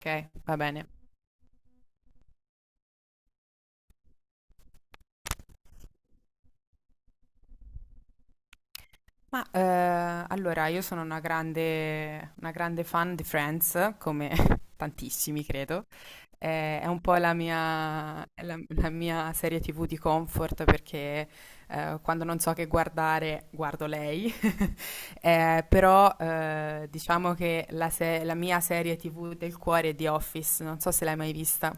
Ok, va bene. Allora io sono una grande fan di Friends, come tantissimi credo. È un po' la mia, è la, la mia serie TV di comfort perché quando non so che guardare guardo lei. Però diciamo che la, se- la mia serie TV del cuore è The Office, non so se l'hai mai vista.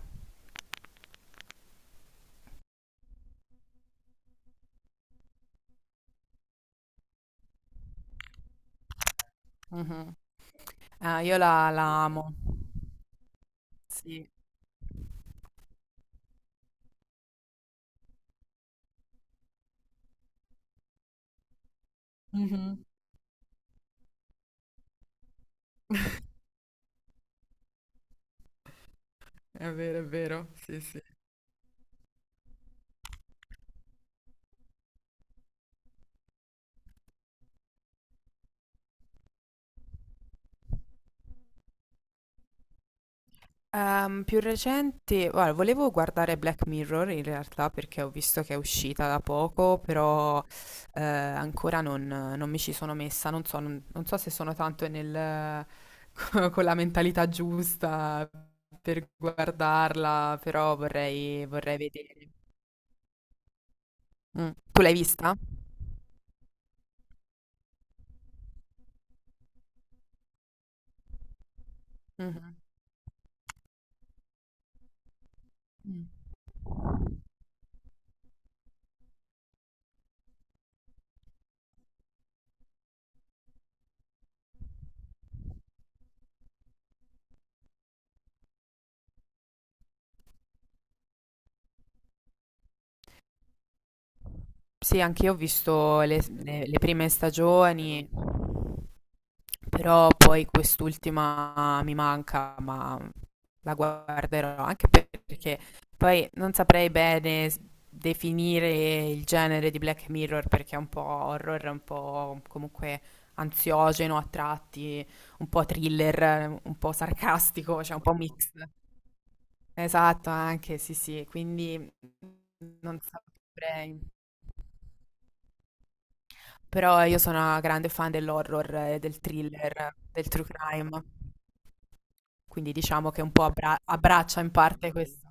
Mhm. Ah, io la amo. Sì. Mhm. È vero, è vero. Sì, sì. Più recente, guarda, volevo guardare Black Mirror in realtà perché ho visto che è uscita da poco, però ancora non mi ci sono messa, non so, non so se sono tanto nel, con la mentalità giusta per guardarla, però vorrei, vorrei vedere. Mm. Tu l'hai vista? Mhm. Mm. Sì, anche io ho visto le prime stagioni, però poi quest'ultima mi manca, ma la guarderò, anche perché poi non saprei bene definire il genere di Black Mirror perché è un po' horror, un po' comunque ansiogeno a tratti, un po' thriller, un po' sarcastico, cioè un po' mix. Esatto, anche sì, sì, quindi non saprei. Però io sono una grande fan dell'horror, del thriller, del true crime, quindi diciamo che un po' abbraccia in parte questo.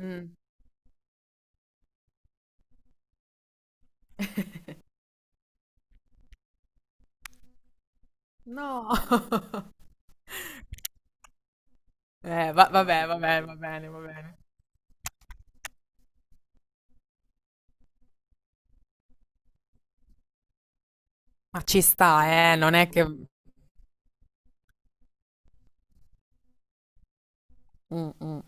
Mm. No! Vabbè, va bene, va bene. Ma ci sta, non è che... Mm, mm.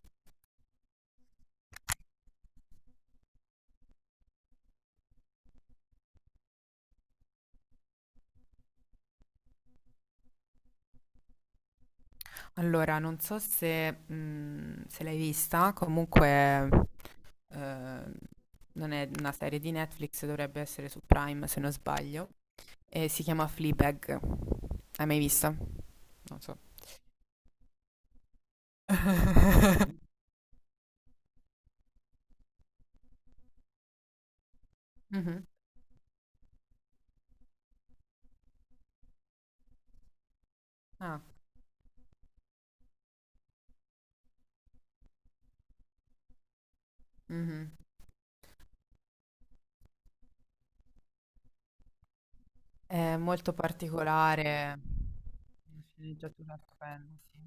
Allora, non so se, mm, se l'hai vista, comunque eh, non è una serie di Netflix, dovrebbe essere su Prime se non sbaglio, e si chiama Fleabag. Hai mai vista? Non so. Mhm. Ah, mhm. È molto particolare. Una sceneggiatura stupenda, sì.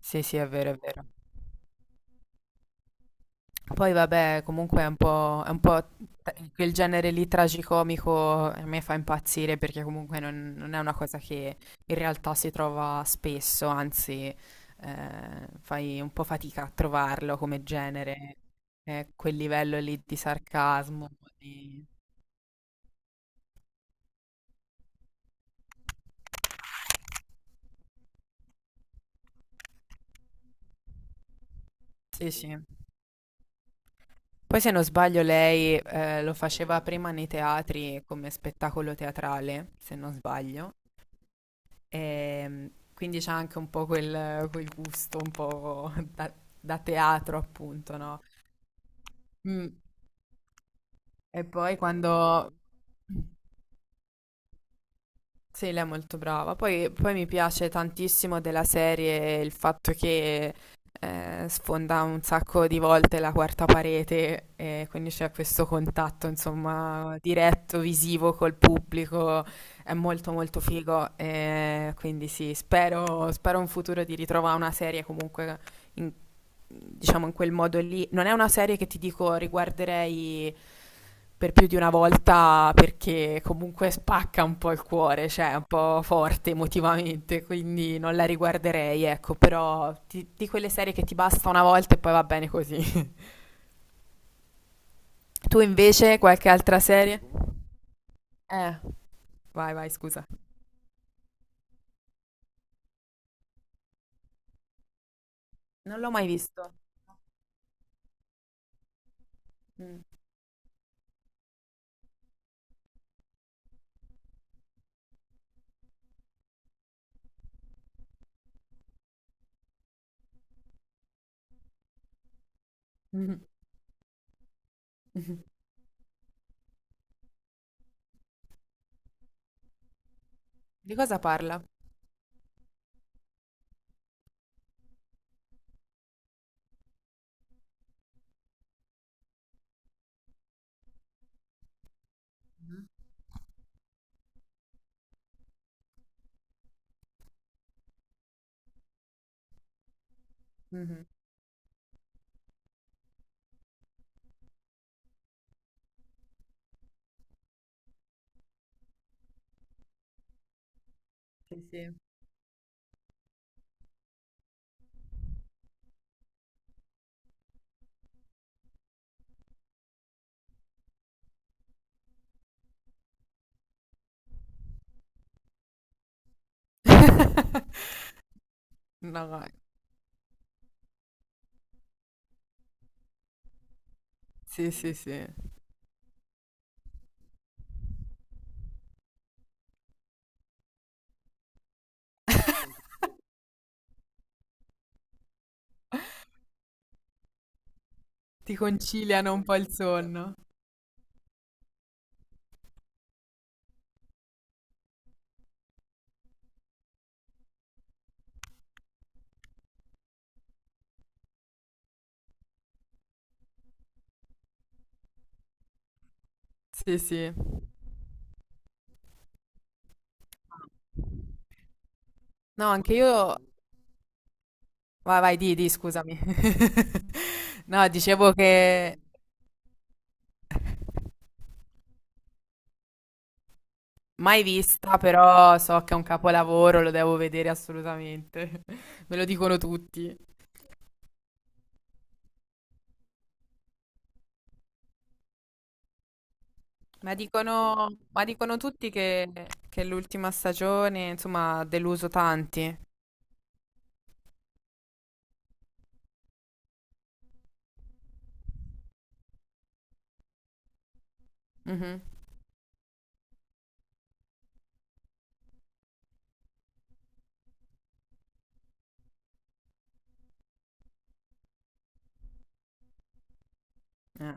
Sì, sì, è vero, è vero. Poi vabbè, comunque è un po' quel genere lì tragicomico a me fa impazzire perché comunque non è una cosa che in realtà si trova spesso, anzi fai un po' fatica a trovarlo come genere, quel livello lì di sarcasmo. di- Sì, sì. Poi se non sbaglio lei lo faceva prima nei teatri come spettacolo teatrale, se non sbaglio. Quindi c'è anche un po' quel gusto un po' da, da teatro, appunto, no? Mm. E poi quando... Sì, lei è molto brava. Poi mi piace tantissimo della serie il fatto che sfonda un sacco di volte la quarta parete e quindi c'è questo contatto, insomma, diretto, visivo col pubblico. È molto molto figo. Quindi sì, spero, spero in futuro di ritrovare una serie comunque in, diciamo in quel modo lì. Non è una serie che ti dico riguarderei per più di una volta perché comunque spacca un po' il cuore, cioè è un po' forte emotivamente, quindi non la riguarderei, ecco, però di quelle serie che ti basta una volta e poi va bene così. Tu invece qualche altra serie? Eh, vai, vai, scusa. Non l'ho mai visto. Mm. Mhm. Mhm. Di cosa parla? Mhm. Sì, sì. No, no, sì, sì, sì. Ti conciliano un po' il sonno. Sì, sì. No, anche io. Vai, vai, scusami. No, dicevo che mai vista, però so che è un capolavoro, lo devo vedere assolutamente. Me lo dicono tutti. Ma dicono tutti che l'ultima stagione, insomma, ha deluso tanti. Mhm. Eh,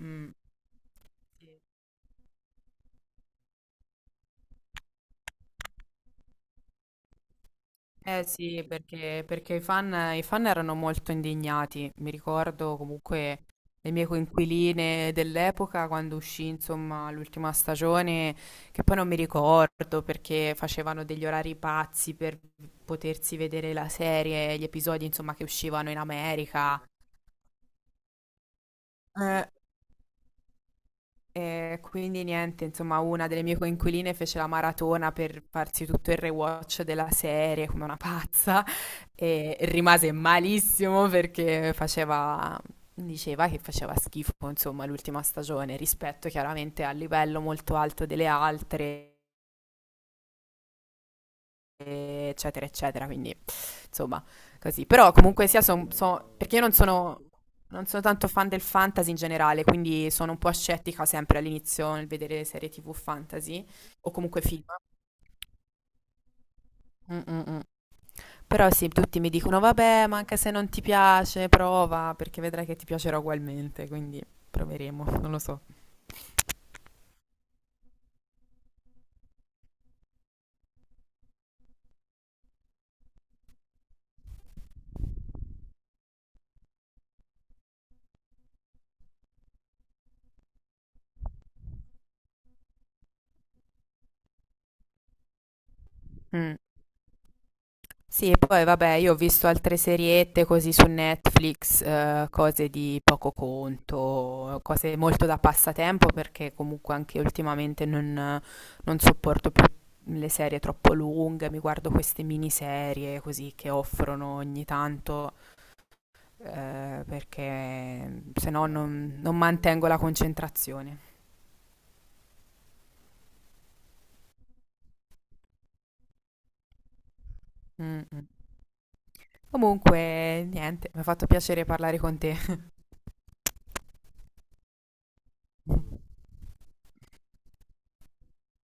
mm. Eh sì, perché, perché i fan erano molto indignati. Mi ricordo comunque le mie coinquiline dell'epoca quando uscì, insomma, l'ultima stagione, che poi non mi ricordo perché facevano degli orari pazzi per potersi vedere la serie, gli episodi, insomma, che uscivano in America. E quindi niente, insomma, una delle mie coinquiline fece la maratona per farsi tutto il rewatch della serie come una pazza e rimase malissimo perché faceva, diceva che faceva schifo, insomma, l'ultima stagione rispetto chiaramente al livello molto alto delle altre, eccetera, eccetera. Quindi insomma, così. Però comunque sia, perché io non sono, non sono tanto fan del fantasy in generale, quindi sono un po' scettica sempre all'inizio nel vedere serie TV fantasy o comunque film. Mm, mm, mm. Però sì, tutti mi dicono, vabbè, ma anche se non ti piace, prova, perché vedrai che ti piacerà ugualmente, quindi proveremo, non lo so. Mm. Sì, e poi vabbè, io ho visto altre seriette così su Netflix, cose di poco conto, cose molto da passatempo perché comunque anche ultimamente non sopporto più le serie troppo lunghe, mi guardo queste miniserie così che offrono ogni tanto, perché se no non mantengo la concentrazione. Mm, mm. Comunque, niente, mi ha fatto piacere parlare con te.